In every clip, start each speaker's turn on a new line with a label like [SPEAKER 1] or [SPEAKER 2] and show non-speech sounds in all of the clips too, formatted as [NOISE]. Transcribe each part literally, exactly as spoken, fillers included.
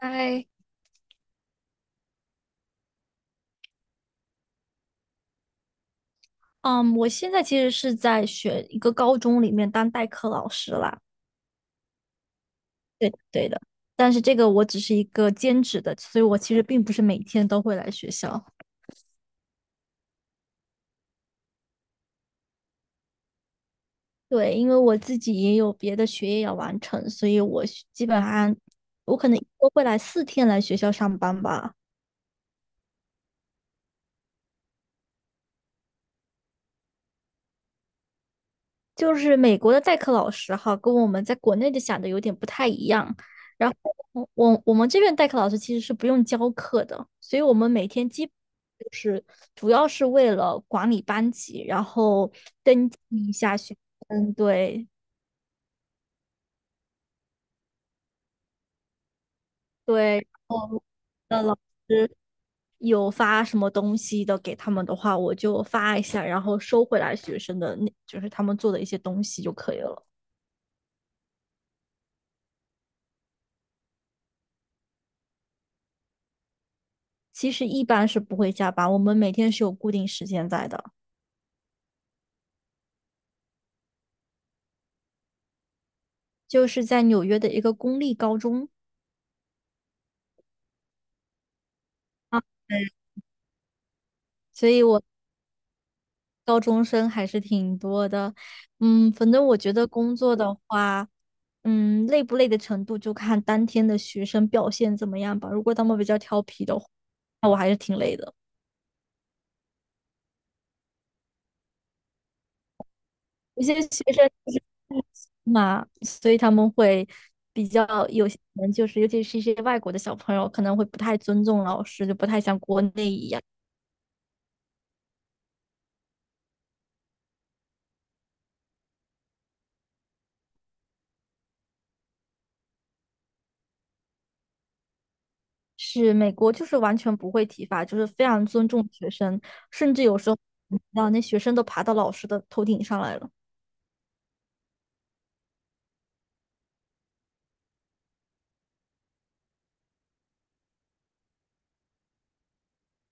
[SPEAKER 1] 哎，嗯，我现在其实是在学一个高中里面当代课老师啦。对的对的，但是这个我只是一个兼职的，所以我其实并不是每天都会来学校。对，因为我自己也有别的学业要完成，所以我是基本上我可能一周会来四天来学校上班吧。就是美国的代课老师哈，跟我们在国内的想的有点不太一样。然后我我我们这边代课老师其实是不用教课的，所以我们每天基本就是主要是为了管理班级，然后登记一下学生，对对，然后的老师有发什么东西的给他们的话，我就发一下，然后收回来学生的那就是他们做的一些东西就可以了。其实一般是不会加班，我们每天是有固定时间在的。就是在纽约的一个公立高中啊，嗯，所以我高中生还是挺多的。嗯，反正我觉得工作的话，嗯，累不累的程度就看当天的学生表现怎么样吧。如果他们比较调皮的话，那我还是挺累的。有些学生就是嘛，所以他们会比较有些人就是，尤其是一些外国的小朋友，可能会不太尊重老师，就不太像国内一样。是美国就是完全不会体罚，就是非常尊重学生，甚至有时候让那学生都爬到老师的头顶上来了。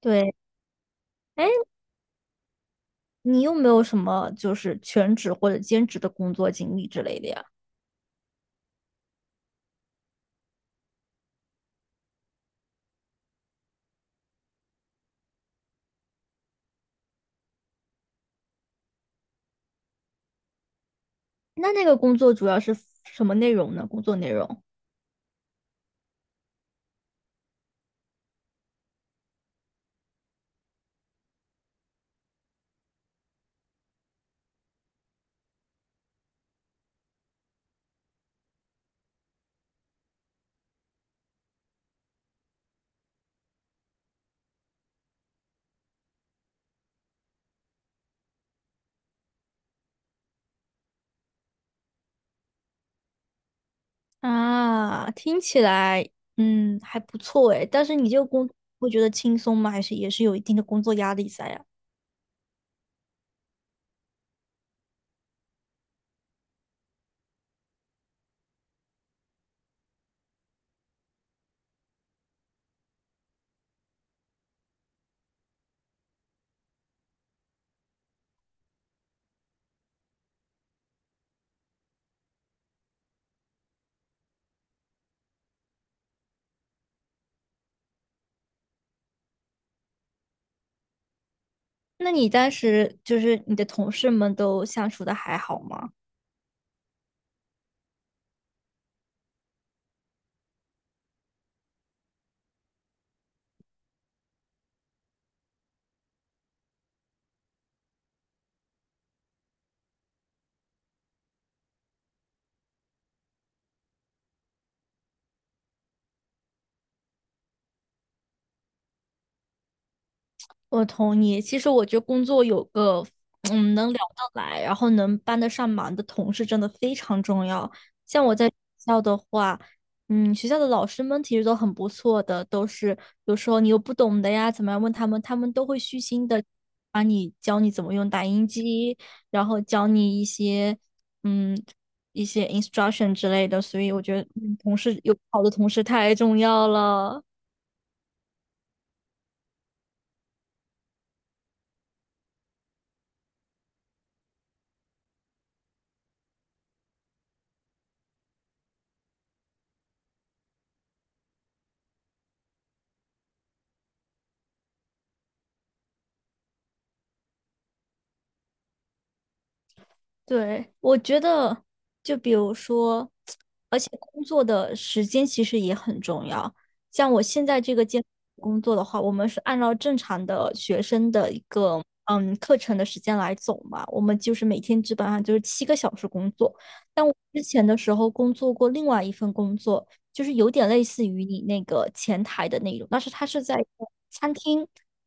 [SPEAKER 1] 对，哎，你有没有什么就是全职或者兼职的工作经历之类的呀？那那个工作主要是什么内容呢？工作内容啊，听起来嗯还不错哎，但是你这个工作会觉得轻松吗？还是也是有一定的工作压力在呀？那你当时就是你的同事们都相处的还好吗？我同意。其实我觉得工作有个嗯能聊得来，然后能帮得上忙的同事真的非常重要。像我在学校的话，嗯，学校的老师们其实都很不错的，都是有时候你有不懂的呀，怎么样问他们，他们都会虚心的把你教你怎么用打印机，然后教你一些嗯一些 instruction 之类的。所以我觉得，嗯同事有好的同事太重要了。对，我觉得，就比如说，而且工作的时间其实也很重要。像我现在这个兼段工作的话，我们是按照正常的学生的一个嗯课程的时间来走嘛，我们就是每天基本上就是七个小时工作。但我之前的时候工作过另外一份工作，就是有点类似于你那个前台的那种，但是它是在一个餐厅，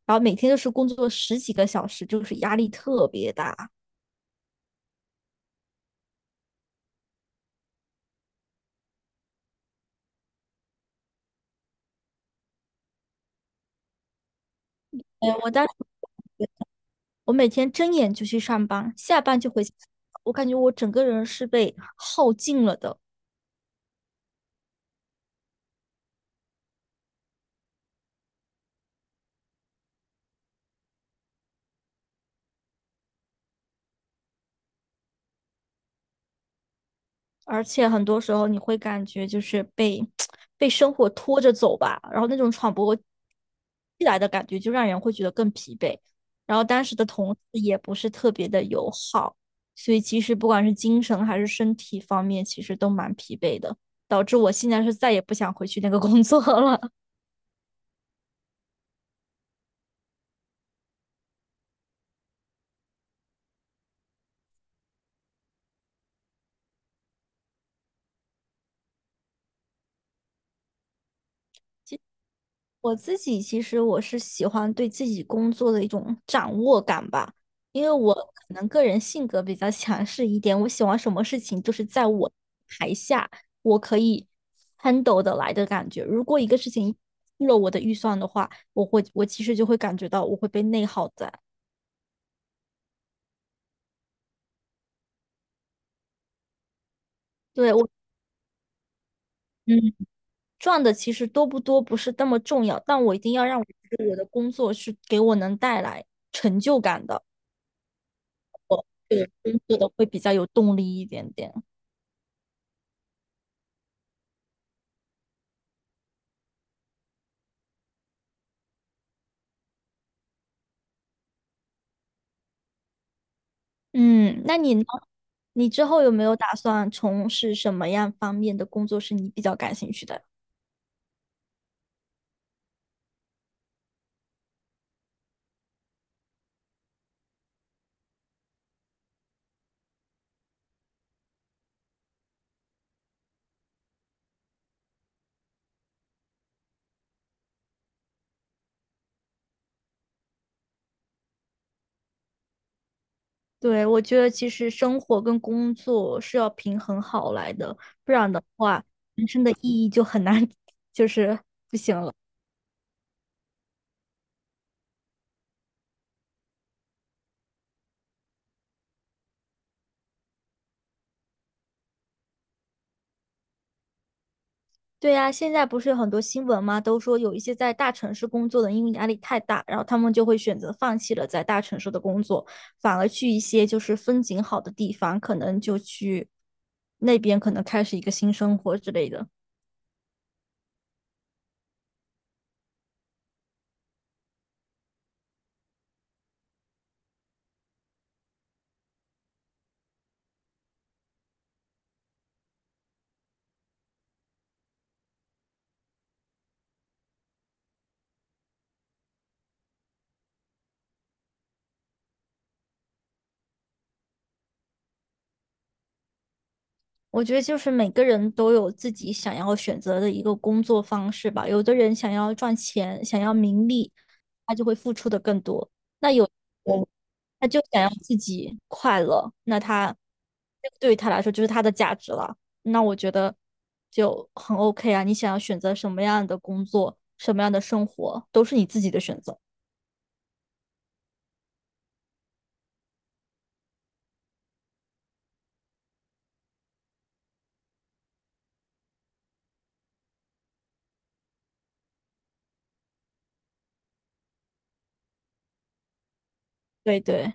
[SPEAKER 1] 然后每天就是工作十几个小时，就是压力特别大。哎，我当时。我每天睁眼就去上班，下班就回家，我感觉我整个人是被耗尽了的，而且很多时候你会感觉就是被被生活拖着走吧，然后那种喘不过气来的感觉，就让人会觉得更疲惫。然后当时的同事也不是特别的友好，所以其实不管是精神还是身体方面，其实都蛮疲惫的，导致我现在是再也不想回去那个工作了。我自己其实我是喜欢对自己工作的一种掌握感吧，因为我可能个人性格比较 [LAUGHS] 强势一点，我喜欢什么事情就是在我台下我可以 handle 的来的感觉。如果一个事情超了我的预算的话，我会我其实就会感觉到我会被内耗在。对我，嗯，赚的其实多不多不是那么重要，但我一定要让我觉得我的工作是给我能带来成就感的，对工作的会比较有动力一点点。嗯，那你呢？你之后有没有打算从事什么样方面的工作是你比较感兴趣的？对，我觉得其实生活跟工作是要平衡好来的，不然的话，人生的意义就很难。[LAUGHS] 就是，对呀，现在不是有很多新闻嘛，都说有一些在大城市工作的，因为压力太大，然后他们就会选择放弃了在大城市的工作，反而去一些就是风景好的地方，可能就去那边可能开始一个新生活之类的。我觉得就是每个人都有自己想要选择的一个工作方式吧。有的人想要赚钱，想要名利，他就会付出的更多。那有的人他就想要自己快乐，那他这个对于他来说就是他的价值了。那我觉得就很 O K 啊。你想要选择什么样的工作，什么样的生活，都是你自己的选择。对对。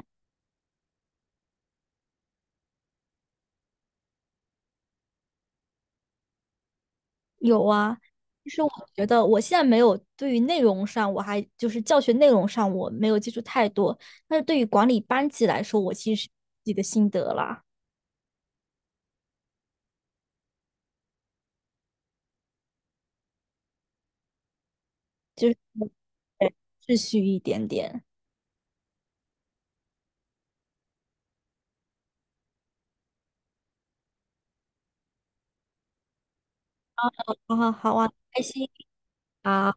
[SPEAKER 1] 有啊，其实我觉得我现在没有对于内容上，我还就是教学内容上我没有接触太多，但是对于管理班级来说，我其实是自己的心得啦，就是对秩序一点点。好好好啊，开心啊。